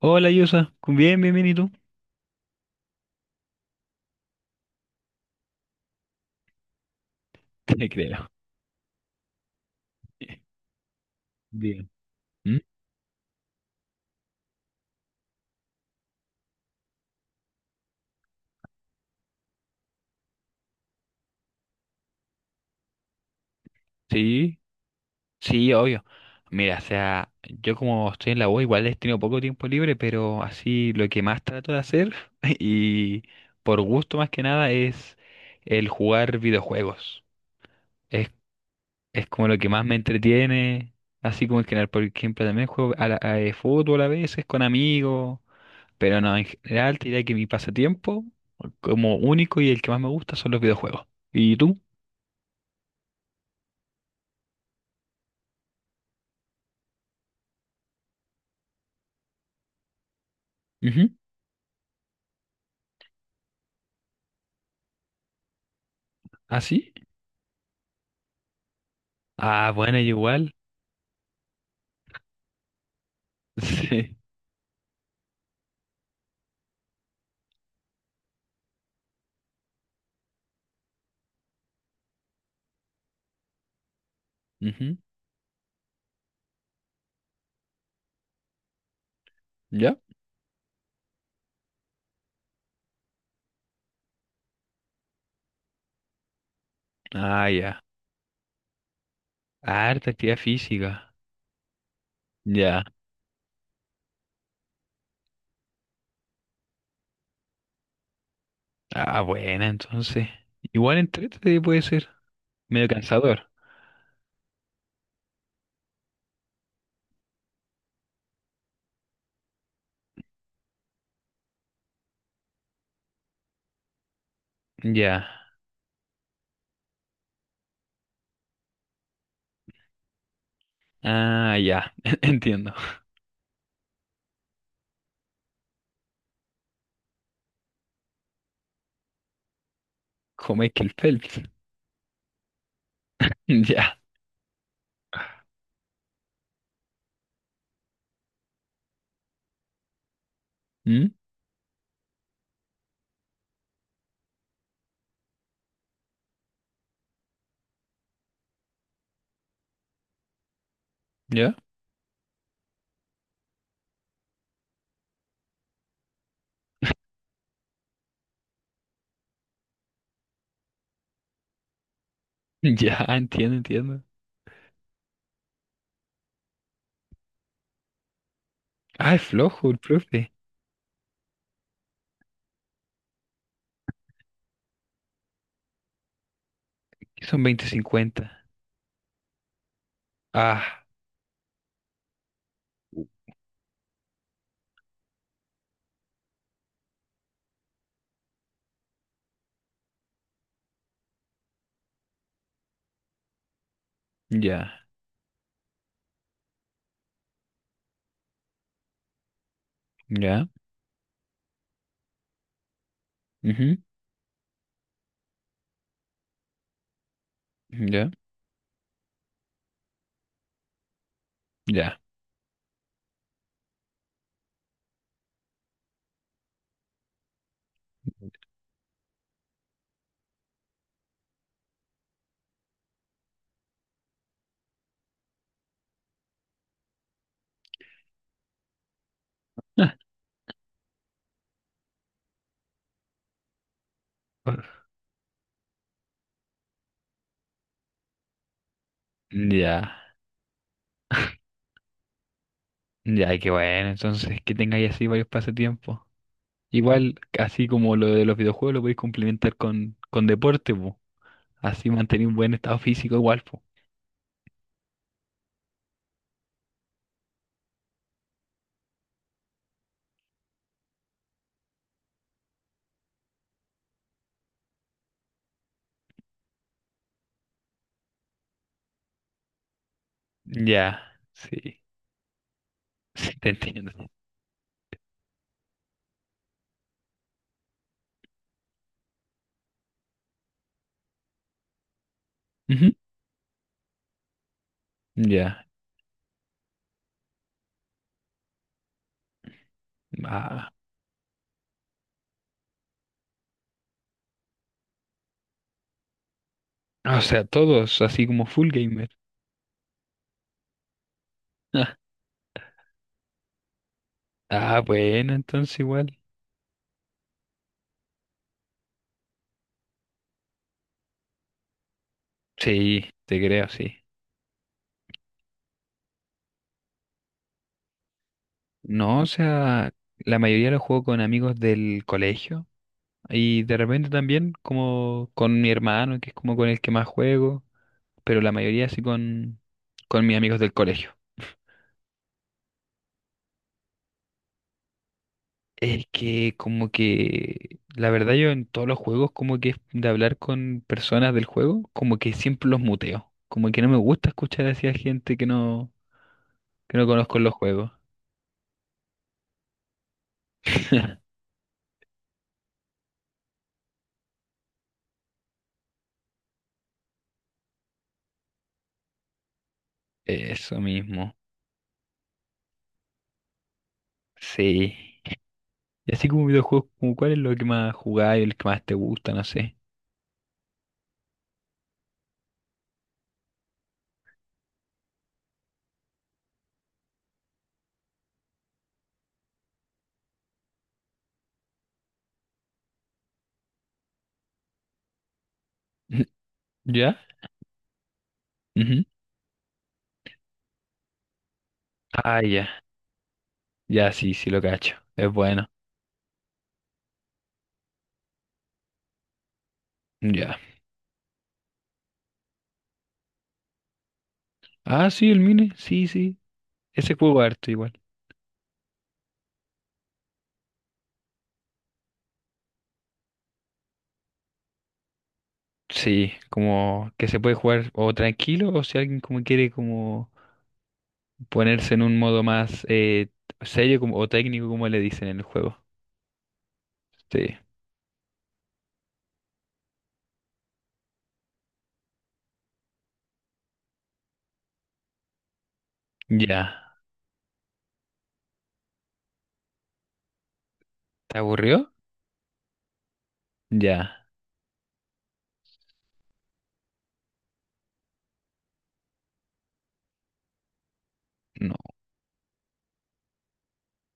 Hola, Yusa, Bien, bien, bien, ¿y tú? Te creo. Bien. ¿Mm? Sí, sí, obvio. Mira, o sea, yo como estoy en la U, igual he tenido poco tiempo libre, pero así lo que más trato de hacer, y por gusto más que nada, es el jugar videojuegos. Es, es como lo que más me entretiene, así como en general, por ejemplo, también juego a fútbol a veces con amigos, pero no, en general te diría que mi pasatiempo como único y el que más me gusta son los videojuegos. ¿Y tú? Ujú. ¿Ah, sí? Ah, bueno, igual. Sí. Ujú. ¿Ya? Ah, ya. Harta actividad física. Ya. Ah, buena, entonces. Igual entrete puede ser. Medio cansador. Ya. Ah, ya. Entiendo. Como Michael Phelps. Ya. ¿Mm? ¿Ya? Ya, entiendo, entiendo. Ah, es flojo el profe. Que son 20, 50. Ah. Ya. Ya. Ujú. Ya. Ya. Ya. Ya, qué bueno, entonces que tengáis así varios pasatiempos. Igual, así como lo de los videojuegos, lo podéis complementar con deporte, po. Así mantener un buen estado físico igual, po. Ya, sí, sí, te entiendo. Ujú, ya, ah, o sea, todos, así como full gamer. Ah, bueno, entonces igual. Sí, te creo, sí. No, o sea, la mayoría lo juego con amigos del colegio y de repente también como con mi hermano, que es como con el que más juego. Pero la mayoría sí con mis amigos del colegio. Es que como que, la verdad yo en todos los juegos como que es de hablar con personas del juego, como que siempre los muteo. Como que no me gusta escuchar así a gente que no conozco en los juegos. Eso mismo, sí. Y así como videojuegos, como cuál es lo que más jugáis, el que más te gusta, no sé. ¿Ya? Ujú. Ah, ya. Ya, sí, sí lo cacho. Es bueno. Ya. Ah, sí, el Mine, sí, sí. Ese juego harto igual. Sí, como que se puede jugar o tranquilo o si alguien como quiere como ponerse en un modo más serio como, o técnico como le dicen en el juego. Sí, ya. ¿Te aburrió? Ya. No,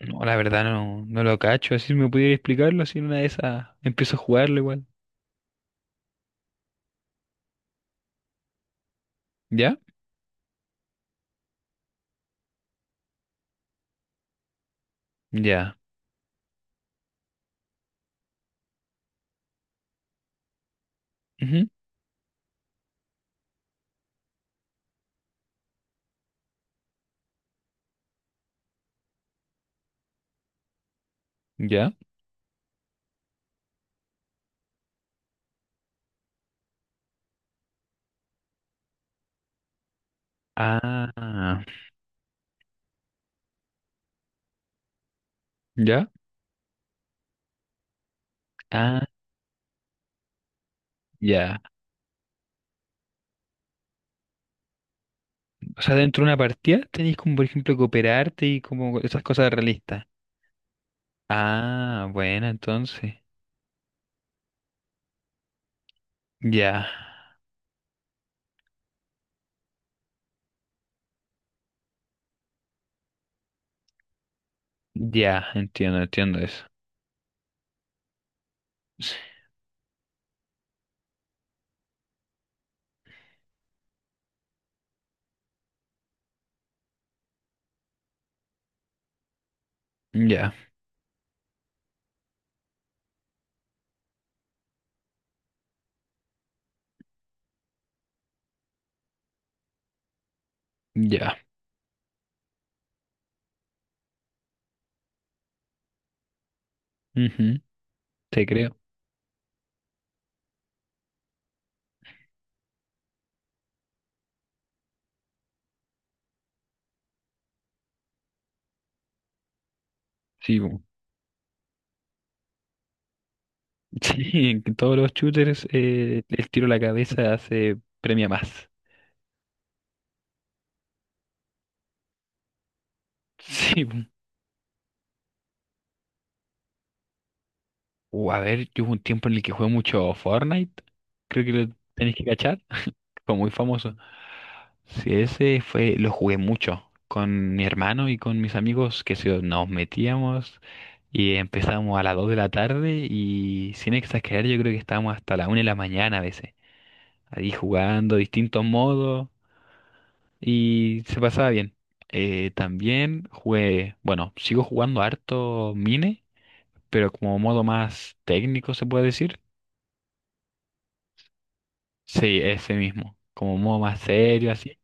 no, la verdad no, no lo cacho. Así me pudiera explicarlo, así en una de esas empiezo a jugarlo igual. ¿Ya? Ya. Ujú, ya. Ah, ya. Ah, ya. O sea, dentro de una partida tenéis como, por ejemplo, cooperarte y como esas cosas realistas. Ah, bueno, entonces. Ya, ya, entiendo, entiendo eso. Ya, ya. Ujú, te creo. Sí, bu. Sí, en todos los shooters el tiro a la cabeza se premia más. Sí, bu. A ver, yo hubo un tiempo en el que jugué mucho Fortnite. Creo que lo tenéis que cachar. Fue muy famoso. Sí, ese fue, lo jugué mucho con mi hermano y con mis amigos que nos metíamos y empezamos a las 2 de la tarde y sin exagerar yo creo que estábamos hasta la 1 de la mañana a veces. Ahí jugando distintos modos y se pasaba bien. También jugué, bueno, sigo jugando harto Mine, pero como modo más técnico se puede decir. Sí, ese mismo, como modo más serio, así.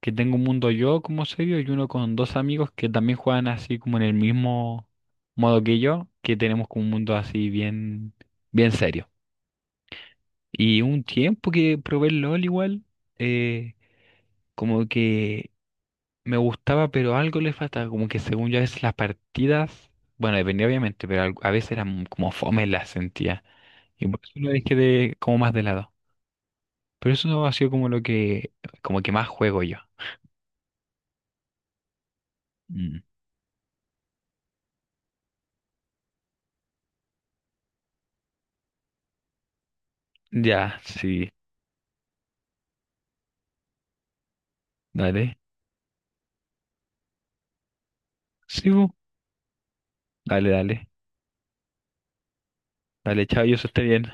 Que tengo un mundo yo como serio y uno con dos amigos que también juegan así como en el mismo modo que yo, que tenemos como un mundo así bien, bien serio. Y un tiempo que probé el LOL igual, eh, como que me gustaba, pero algo le faltaba, como que según yo a veces las partidas, bueno, dependía obviamente, pero a veces eran como fome las sentía. Y por eso lo dejé de, como más de lado. Pero eso no ha sido como lo que, como que más juego yo. Mm. Ya, sí, dale. Sí, bu. Dale, dale. Dale, chao, yo eso esté bien.